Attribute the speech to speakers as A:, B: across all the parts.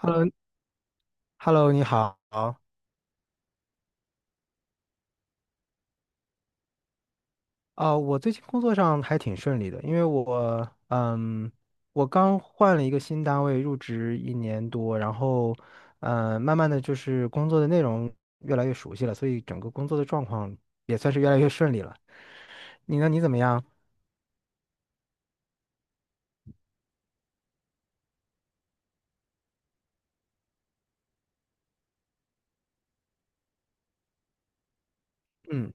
A: Hello，Hello，你好。啊、我最近工作上还挺顺利的，因为我刚换了一个新单位，入职一年多，然后，慢慢的就是工作的内容越来越熟悉了，所以整个工作的状况也算是越来越顺利了。你呢？你怎么样？嗯，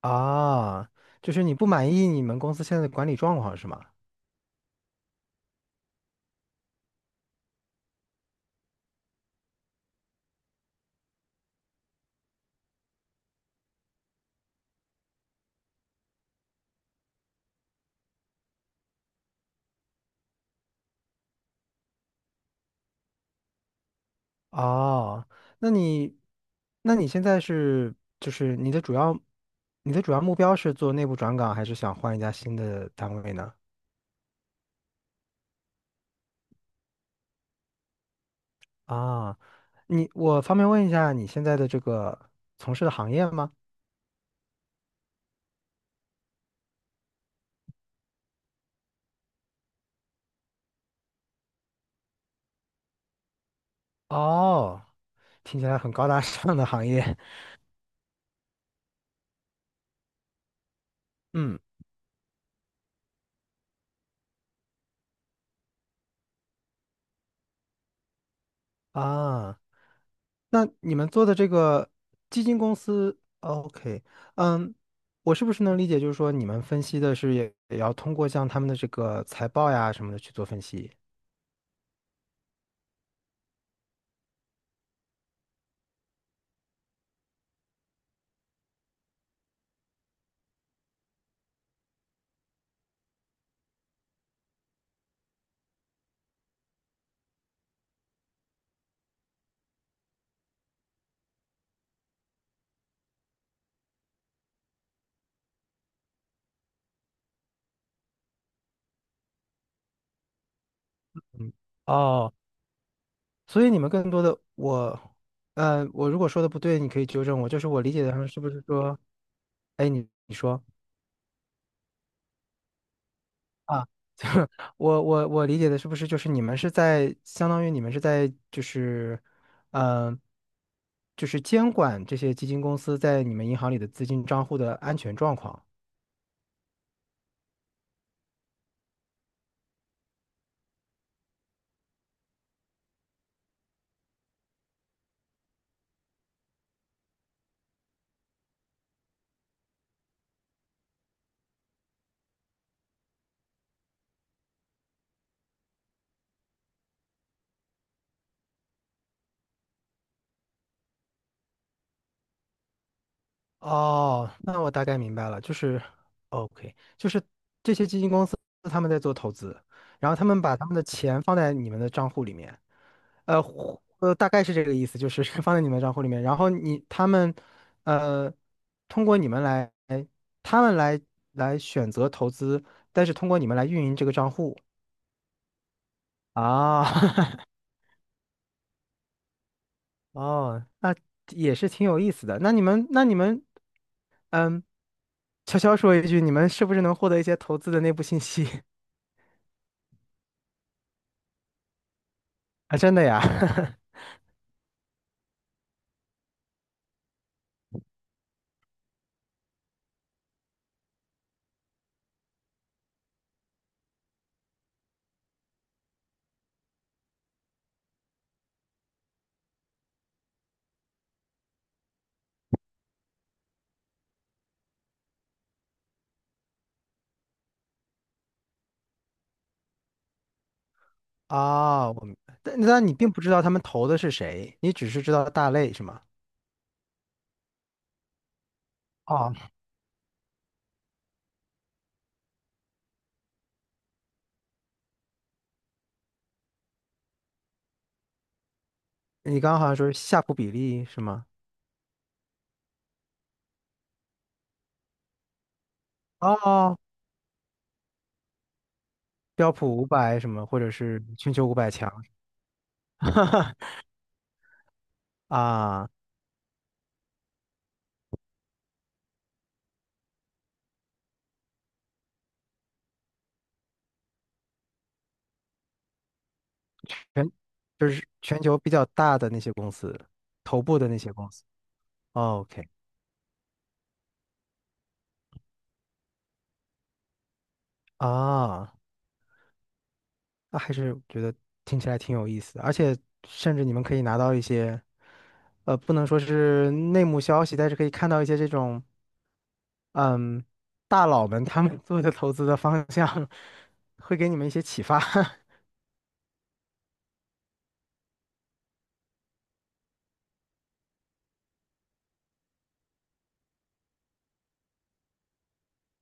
A: 啊，就是你不满意你们公司现在的管理状况是吗？哦，那你，那你现在是就是你的主要，你的主要目标是做内部转岗，还是想换一家新的单位呢？啊，我方便问一下你现在的这个从事的行业吗？哦，听起来很高大上的行业。嗯啊，那你们做的这个基金公司哦，OK，嗯，我是不是能理解，就是说你们分析的是也要通过像他们的这个财报呀什么的去做分析？嗯，哦，所以你们更多的我，呃，我如果说的不对，你可以纠正我。就是我理解的上是不是说，哎，你说啊，就是我理解的是不是就是你们是在相当于你们是在嗯，就是监管这些基金公司在你们银行里的资金账户的安全状况。哦，那我大概明白了，就是哦，OK，就是这些他们在做投资，然后他们把他们的钱放在你们的账户里面。呃大概是这个意思，就是 放在你们的账户里面，然后他们，呃，通过你们来，他们来来选择投资，但是通过你们来运营这个账户啊，哦，那也是挺有意思的。那你们，嗯，悄悄说一句，你们是不是能获得一些投资的内部信息 啊？真的呀？啊，我明白但你并不知道他们投的是谁，你只是知道大类是吗？哦，你刚刚好像说是夏普比例是吗？哦，标普500什么，或者是全球500强，啊，全就是全球比较大的那些公司，头部的那些公司。哦 OK，啊，那还是觉得听起来挺有意思的，而且甚至你们可以拿到一些，不能说是内幕消息，但是可以看到一些这种，嗯，大佬们他们 做的投资的方向，会给你们一些启发。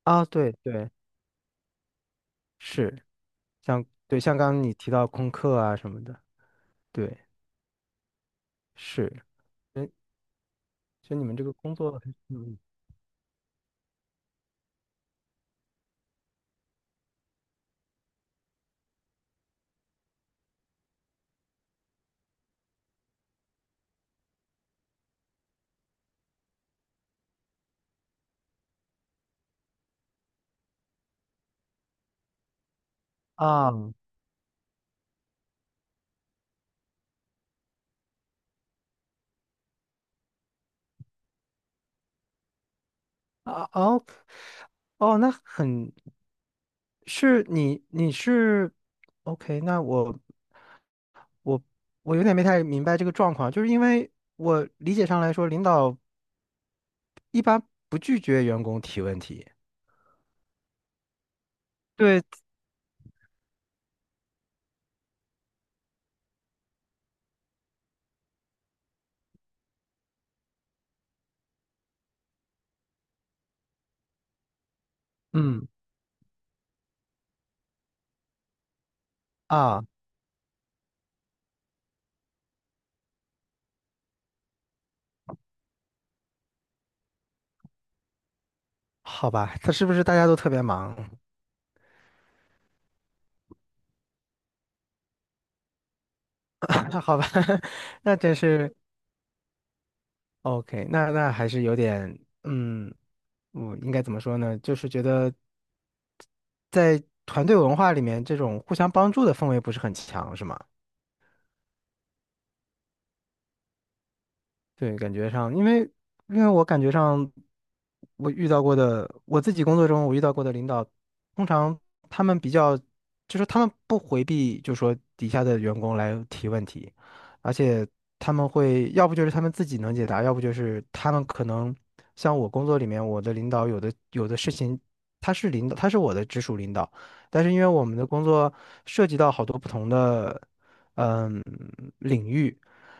A: 啊，对对，是。像对，像刚刚你提到空客啊什么的，对，是，嗯，就你们这个工作还是啊啊哦哦，那很是你你是 OK，那我我有点没太明白这个状况，就是因为我理解上来说，领导一般不拒绝员工提问题。对，嗯啊，好吧，他是不是大家都特别忙？那好吧，那真是。OK，那还是有点，我应该怎么说呢？就是觉得在团队文化里面，这种互相帮助的氛围不是很强，是吗？对，感觉上，因为我感觉上，我遇到过的，我自己工作中我遇到过的领导，通常他们比较，就是他们不回避，就说底下的员工来提问题，而且他们会，要不就是他们自己能解答，要不就是他们可能像我工作里面，我的领导有的事情，他是领导，他是我的直属领导，但是因为我们的工作涉及到好多不同的嗯领域。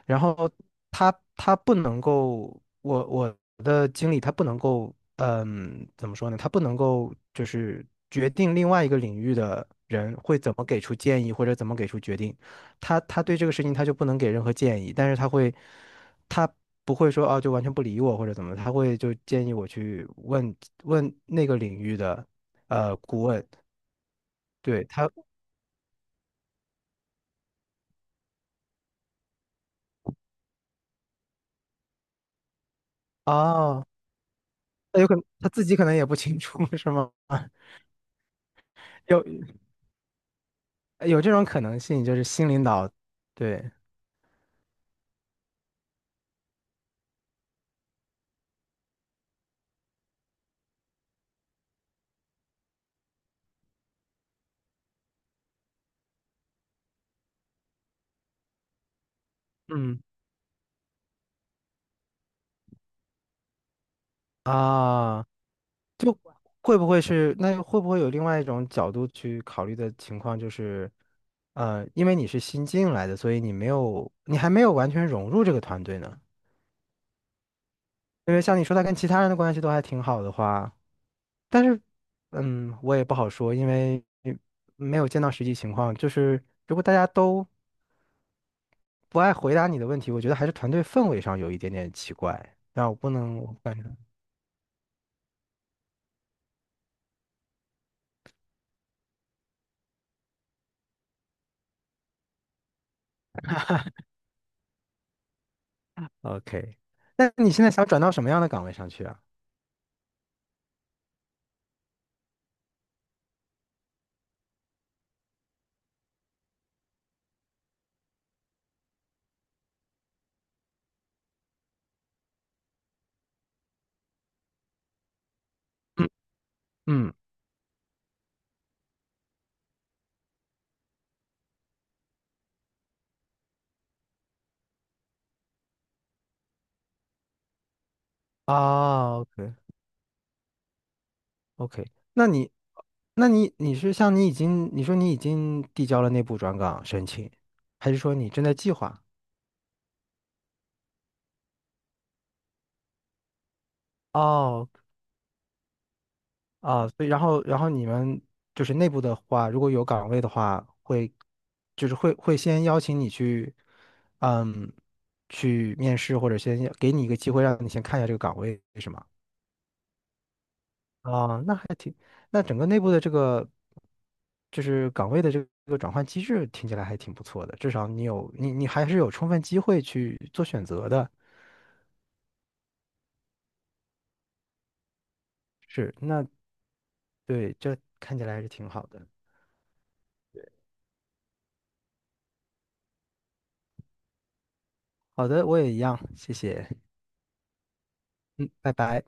A: 然后他不能够，我的经理他不能够，怎么说呢？他不能够就是决定另外一个领域的人会怎么给出建议或者怎么给出决定，他对这个事情他就不能给任何建议，但是他会，他不会说哦就完全不理我或者怎么，他会就建议我去问问那个领域的顾问，对他哦，那有可能他自己可能也不清楚 是吗？有有这种可能性，就是新领导，对，嗯，啊，会不会是，那会不会有另外一种角度去考虑的情况，就是，因为你是新进来的，所以你还没有完全融入这个团队呢。因为像你说，他跟其他人的关系都还挺好的话，但是，我也不好说，因为没有见到实际情况。就是如果大家都不爱回答你的问题，我觉得还是团队氛围上有一点点奇怪。但我不能，我不敢。OK，那你现在想转到什么样的岗位上去啊？嗯嗯，啊，OK OK，那你，那你你是像你已经你说你已经递交了内部转岗申请，还是说你正在计划？哦啊，所以然后你们就是内部的话，如果有岗位的话，会就是会会先邀请你去，嗯，去面试或者先给你一个机会，让你先看一下这个岗位，是吗？啊，那还挺，那整个内部的这个就是岗位的这个转换机制，听起来还挺不错的。至少你还是有充分机会去做选择的。是，那对，这看起来还是挺好的。好的，我也一样，谢谢。嗯，拜拜。